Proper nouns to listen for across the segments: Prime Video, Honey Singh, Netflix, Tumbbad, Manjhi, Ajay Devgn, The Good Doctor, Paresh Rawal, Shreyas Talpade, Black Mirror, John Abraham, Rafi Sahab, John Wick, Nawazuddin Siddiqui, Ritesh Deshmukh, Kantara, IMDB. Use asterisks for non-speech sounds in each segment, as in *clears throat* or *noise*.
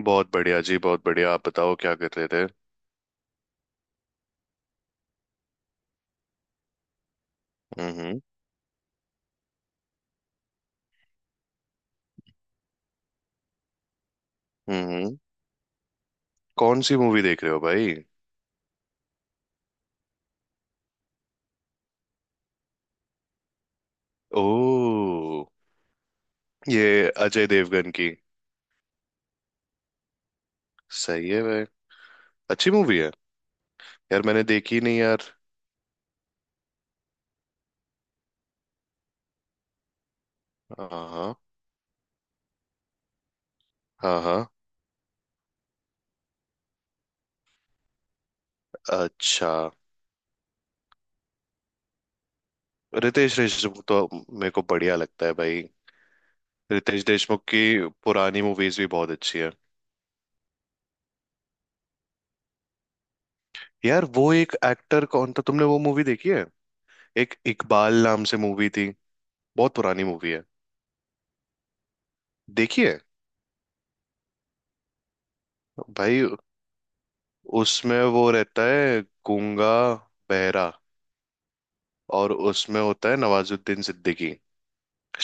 बहुत बढ़िया जी, बहुत बढ़िया। आप बताओ क्या कर रहे थे? हम्म हम्म हम्म। कौन सी मूवी देख रहे हो भाई? ओ, ये अजय देवगन की? सही है भाई, अच्छी मूवी है। यार मैंने देखी नहीं यार। हाँ हाँ, हाँ हाँ। अच्छा, रितेश देशमुख तो मेरे को बढ़िया लगता है भाई। रितेश देशमुख की पुरानी मूवीज भी बहुत अच्छी है। यार वो एक एक्टर कौन था, तुमने वो मूवी देखी है? एक इकबाल नाम से मूवी थी, बहुत पुरानी मूवी है। देखी है? भाई उसमें वो रहता है गूंगा बहरा, और उसमें होता है नवाजुद्दीन सिद्दीकी,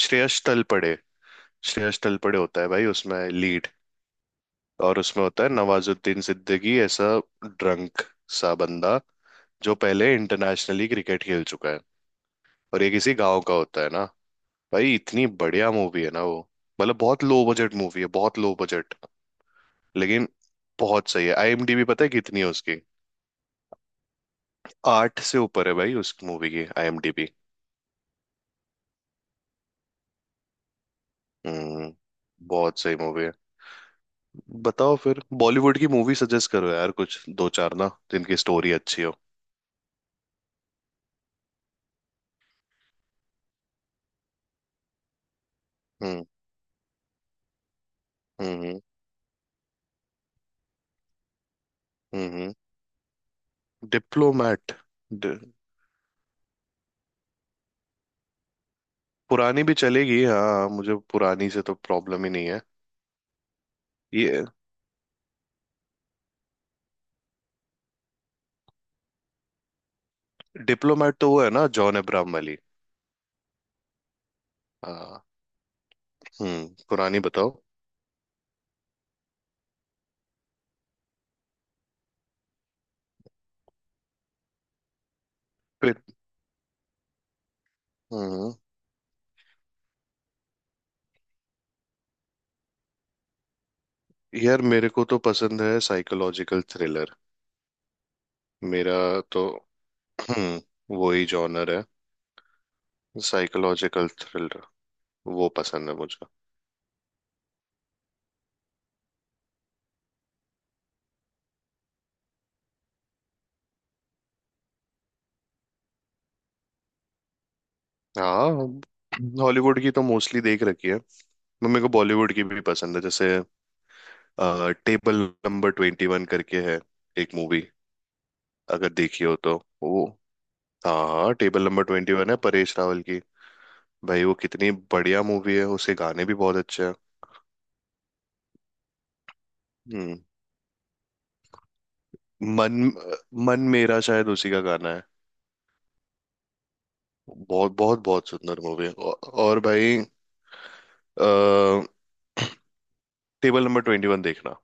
श्रेयस तलपड़े। श्रेयस तलपड़े होता है भाई उसमें लीड, और उसमें होता है नवाजुद्दीन सिद्दीकी, ऐसा ड्रंक सा बंदा जो पहले इंटरनेशनली क्रिकेट खेल चुका है, और ये किसी गांव का होता है ना। भाई इतनी बढ़िया मूवी है ना वो। मतलब बहुत लो बजट मूवी है, बहुत लो बजट, लेकिन बहुत सही है। आईएमडीबी पता है कितनी है उसकी? 8 से ऊपर है भाई उस मूवी की आईएमडीबी। हम्म, बहुत सही मूवी है। बताओ फिर, बॉलीवुड की मूवी सजेस्ट करो यार कुछ दो चार ना, जिनकी स्टोरी अच्छी हो। हम्म। हम्म। हम्म। डिप्लोमेट। पुरानी भी चलेगी, हाँ मुझे पुरानी से तो प्रॉब्लम ही नहीं है। ये डिप्लोमेट तो वो है ना, जॉन अब्राहम वाली? हाँ। हम्म, पुरानी बताओ। फिर। हम्म। यार मेरे को तो पसंद है साइकोलॉजिकल थ्रिलर। मेरा तो *clears throat* हम्म, वो ही जॉनर है। साइकोलॉजिकल थ्रिलर, वो पसंद है मुझे। हाँ, हॉलीवुड की तो मोस्टली देख रखी है मैं। मेरे को बॉलीवुड की भी पसंद है, जैसे टेबल नंबर 21 करके है एक मूवी, अगर देखी हो तो। वो, हाँ, टेबल नंबर ट्वेंटी वन है परेश रावल की। भाई वो कितनी बढ़िया मूवी है, उसके गाने भी बहुत अच्छे हैं। हम्म, मन मन मेरा शायद उसी का गाना है। बहुत बहुत बहुत सुंदर मूवी है और भाई *clears throat* टेबल नंबर ट्वेंटी वन देखना।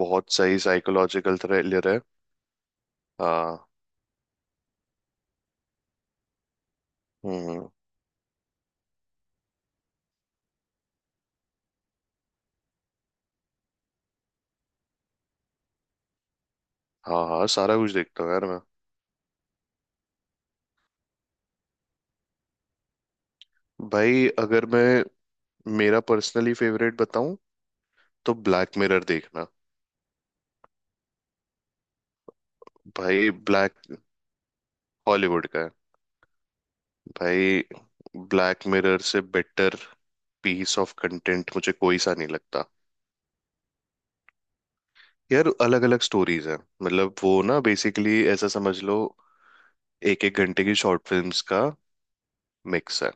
बहुत सही साइकोलॉजिकल थ्रिलर है। हाँ। हम्म। हाँ हाँ, सारा कुछ देखता हूँ यार मैं। भाई अगर मैं मेरा पर्सनली फेवरेट बताऊं, तो ब्लैक मिरर देखना। भाई ब्लैक, हॉलीवुड का है। भाई ब्लैक मिरर से बेटर पीस ऑफ कंटेंट मुझे कोई सा नहीं लगता। यार अलग अलग स्टोरीज हैं, मतलब वो ना बेसिकली ऐसा समझ लो, एक एक घंटे की शॉर्ट फिल्म्स का मिक्स है।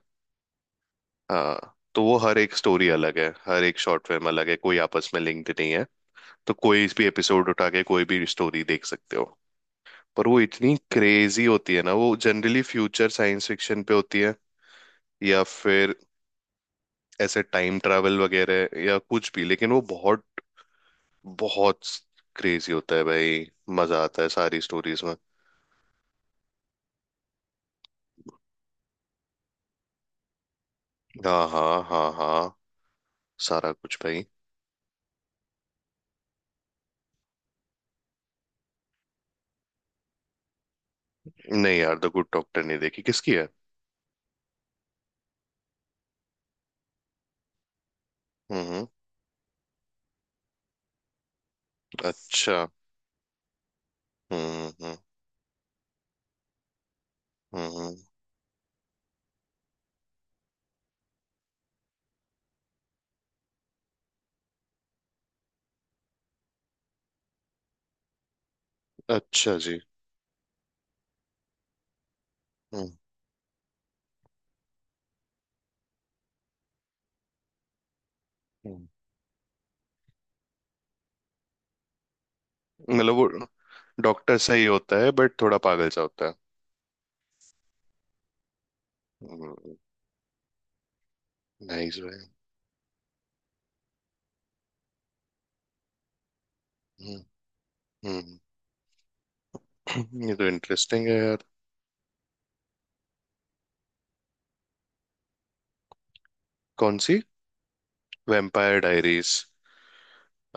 हाँ, तो वो हर एक स्टोरी अलग है, हर एक शॉर्ट फिल्म अलग है, कोई आपस में लिंक्ड नहीं है। तो कोई भी एपिसोड उठा के कोई भी स्टोरी देख सकते हो। पर वो इतनी क्रेजी होती है ना, वो जनरली फ्यूचर साइंस फिक्शन पे होती है, या फिर ऐसे टाइम ट्रैवल वगैरह, या कुछ भी, लेकिन वो बहुत बहुत क्रेजी होता है भाई। मजा आता है सारी स्टोरीज में। हाँ हाँ, हाँ हाँ, सारा कुछ भाई। नहीं यार, द गुड डॉक्टर नहीं देखी। किसकी है? हम्म हम्म, अच्छा। हम्म। हम्म हम्म, अच्छा जी। हम्म हम्म। मतलब वो डॉक्टर सही होता है बट थोड़ा पागल सा होता है। नाइस भाई। हम्म। हम्म ये तो इंटरेस्टिंग है यार। कौन सी? वेम्पायर डायरीज,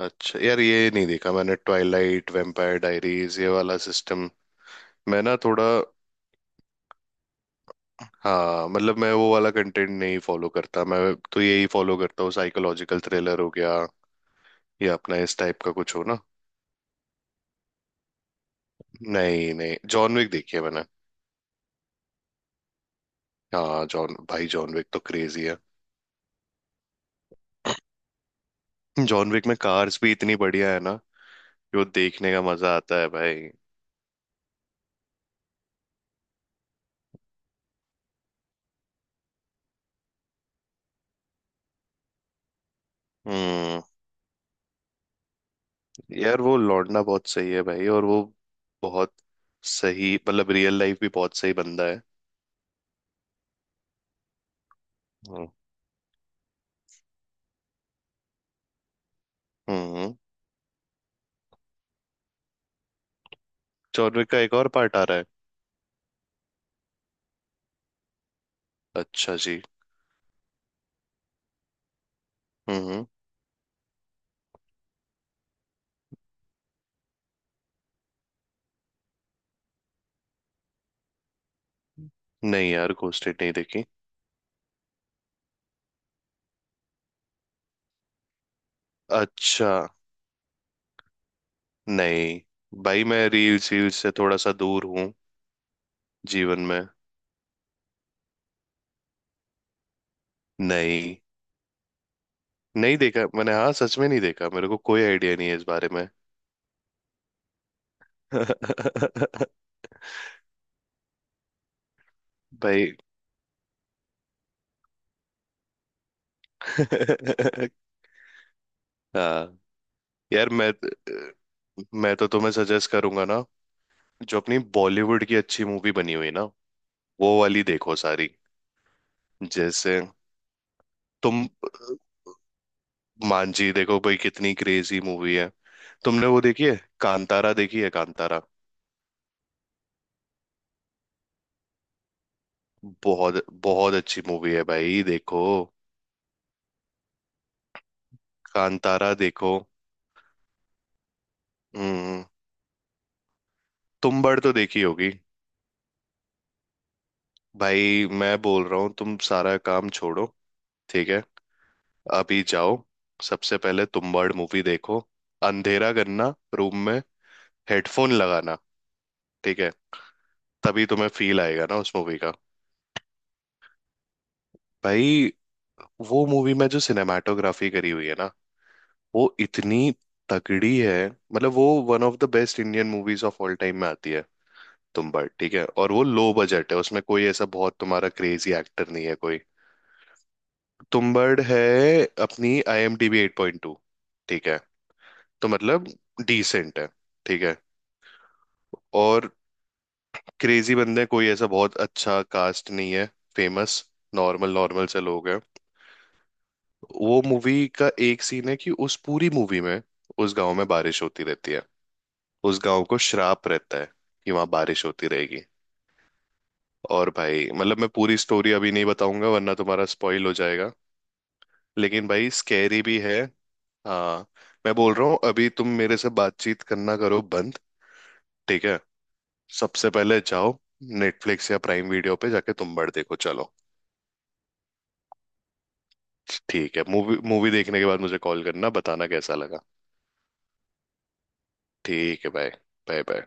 अच्छा यार ये नहीं देखा मैंने। ट्वाइलाइट, वेम्पायर डायरीज, ये वाला सिस्टम मैं ना थोड़ा, हाँ, मतलब मैं वो वाला कंटेंट नहीं फॉलो करता। मैं तो यही फॉलो करता हूँ, साइकोलॉजिकल थ्रिलर हो गया, या अपना इस टाइप का कुछ हो ना। नहीं नहीं, जॉन विक देखी है मैंने। हाँ जॉन भाई, जॉन विक तो क्रेजी है। जॉन विक में कार्स भी इतनी बढ़िया है ना कि वो देखने का मजा आता है भाई। हम्म। यार वो लौंडा बहुत सही है भाई, और वो बहुत सही, मतलब रियल लाइफ भी बहुत सही बंदा है। हम्म। हम्म, चॉर्विक का एक और पार्ट आ रहा है। अच्छा जी। हम्म। नहीं यार, घोस्टेड नहीं देखी। अच्छा, नहीं भाई, मैं रील्स वील्स से थोड़ा सा दूर हूँ जीवन में। नहीं। नहीं देखा मैंने, हाँ, सच में नहीं देखा, मेरे को कोई आइडिया नहीं है इस बारे में। *laughs* भाई *laughs* हाँ। यार मैं तो तुम्हें सजेस्ट करूंगा ना, जो अपनी बॉलीवुड की अच्छी मूवी बनी हुई ना, वो वाली देखो सारी। जैसे तुम मांझी देखो भाई, कितनी क्रेजी मूवी है। तुमने वो देखी है, कांतारा? देखी है कांतारा? बहुत बहुत अच्छी मूवी है भाई, देखो कांतारा, देखो। हम्म, तुम बड़ तो देखी होगी। भाई मैं बोल रहा हूँ, तुम सारा काम छोड़ो। ठीक है? अभी जाओ, सबसे पहले तुम बड़ मूवी देखो, अंधेरा करना रूम में, हेडफोन लगाना, ठीक है? तभी तुम्हें फील आएगा ना उस मूवी का। भाई वो मूवी में जो सिनेमाटोग्राफी करी हुई है ना, वो इतनी तगड़ी है, मतलब वो one of the best Indian movies of all time में आती है। तुम्बाड़, ठीक है, और वो लो बजट है, उसमें कोई ऐसा बहुत तुम्हारा क्रेजी एक्टर नहीं है कोई। तुम्बाड़ है, अपनी आईएमडीबी 8.2, ठीक है? तो मतलब डिसेंट है, ठीक है? और क्रेजी बंदे कोई ऐसा बहुत अच्छा कास्ट नहीं है फेमस, नॉर्मल नॉर्मल से लोग हैं। वो मूवी का एक सीन है कि उस पूरी मूवी में उस गांव में बारिश होती रहती है, उस गांव को श्राप रहता है कि वहां बारिश होती रहेगी। और भाई मतलब मैं पूरी स्टोरी अभी नहीं बताऊंगा वरना तुम्हारा स्पॉइल हो जाएगा, लेकिन भाई स्कैरी भी है। हाँ। मैं बोल रहा हूँ अभी तुम मेरे से बातचीत करना करो बंद, ठीक है? सबसे पहले जाओ, नेटफ्लिक्स या प्राइम वीडियो पे जाके तुम बड़ देखो, चलो। ठीक है, मूवी, मूवी देखने के बाद मुझे कॉल करना, बताना कैसा लगा। ठीक है, बाय। Bye bye.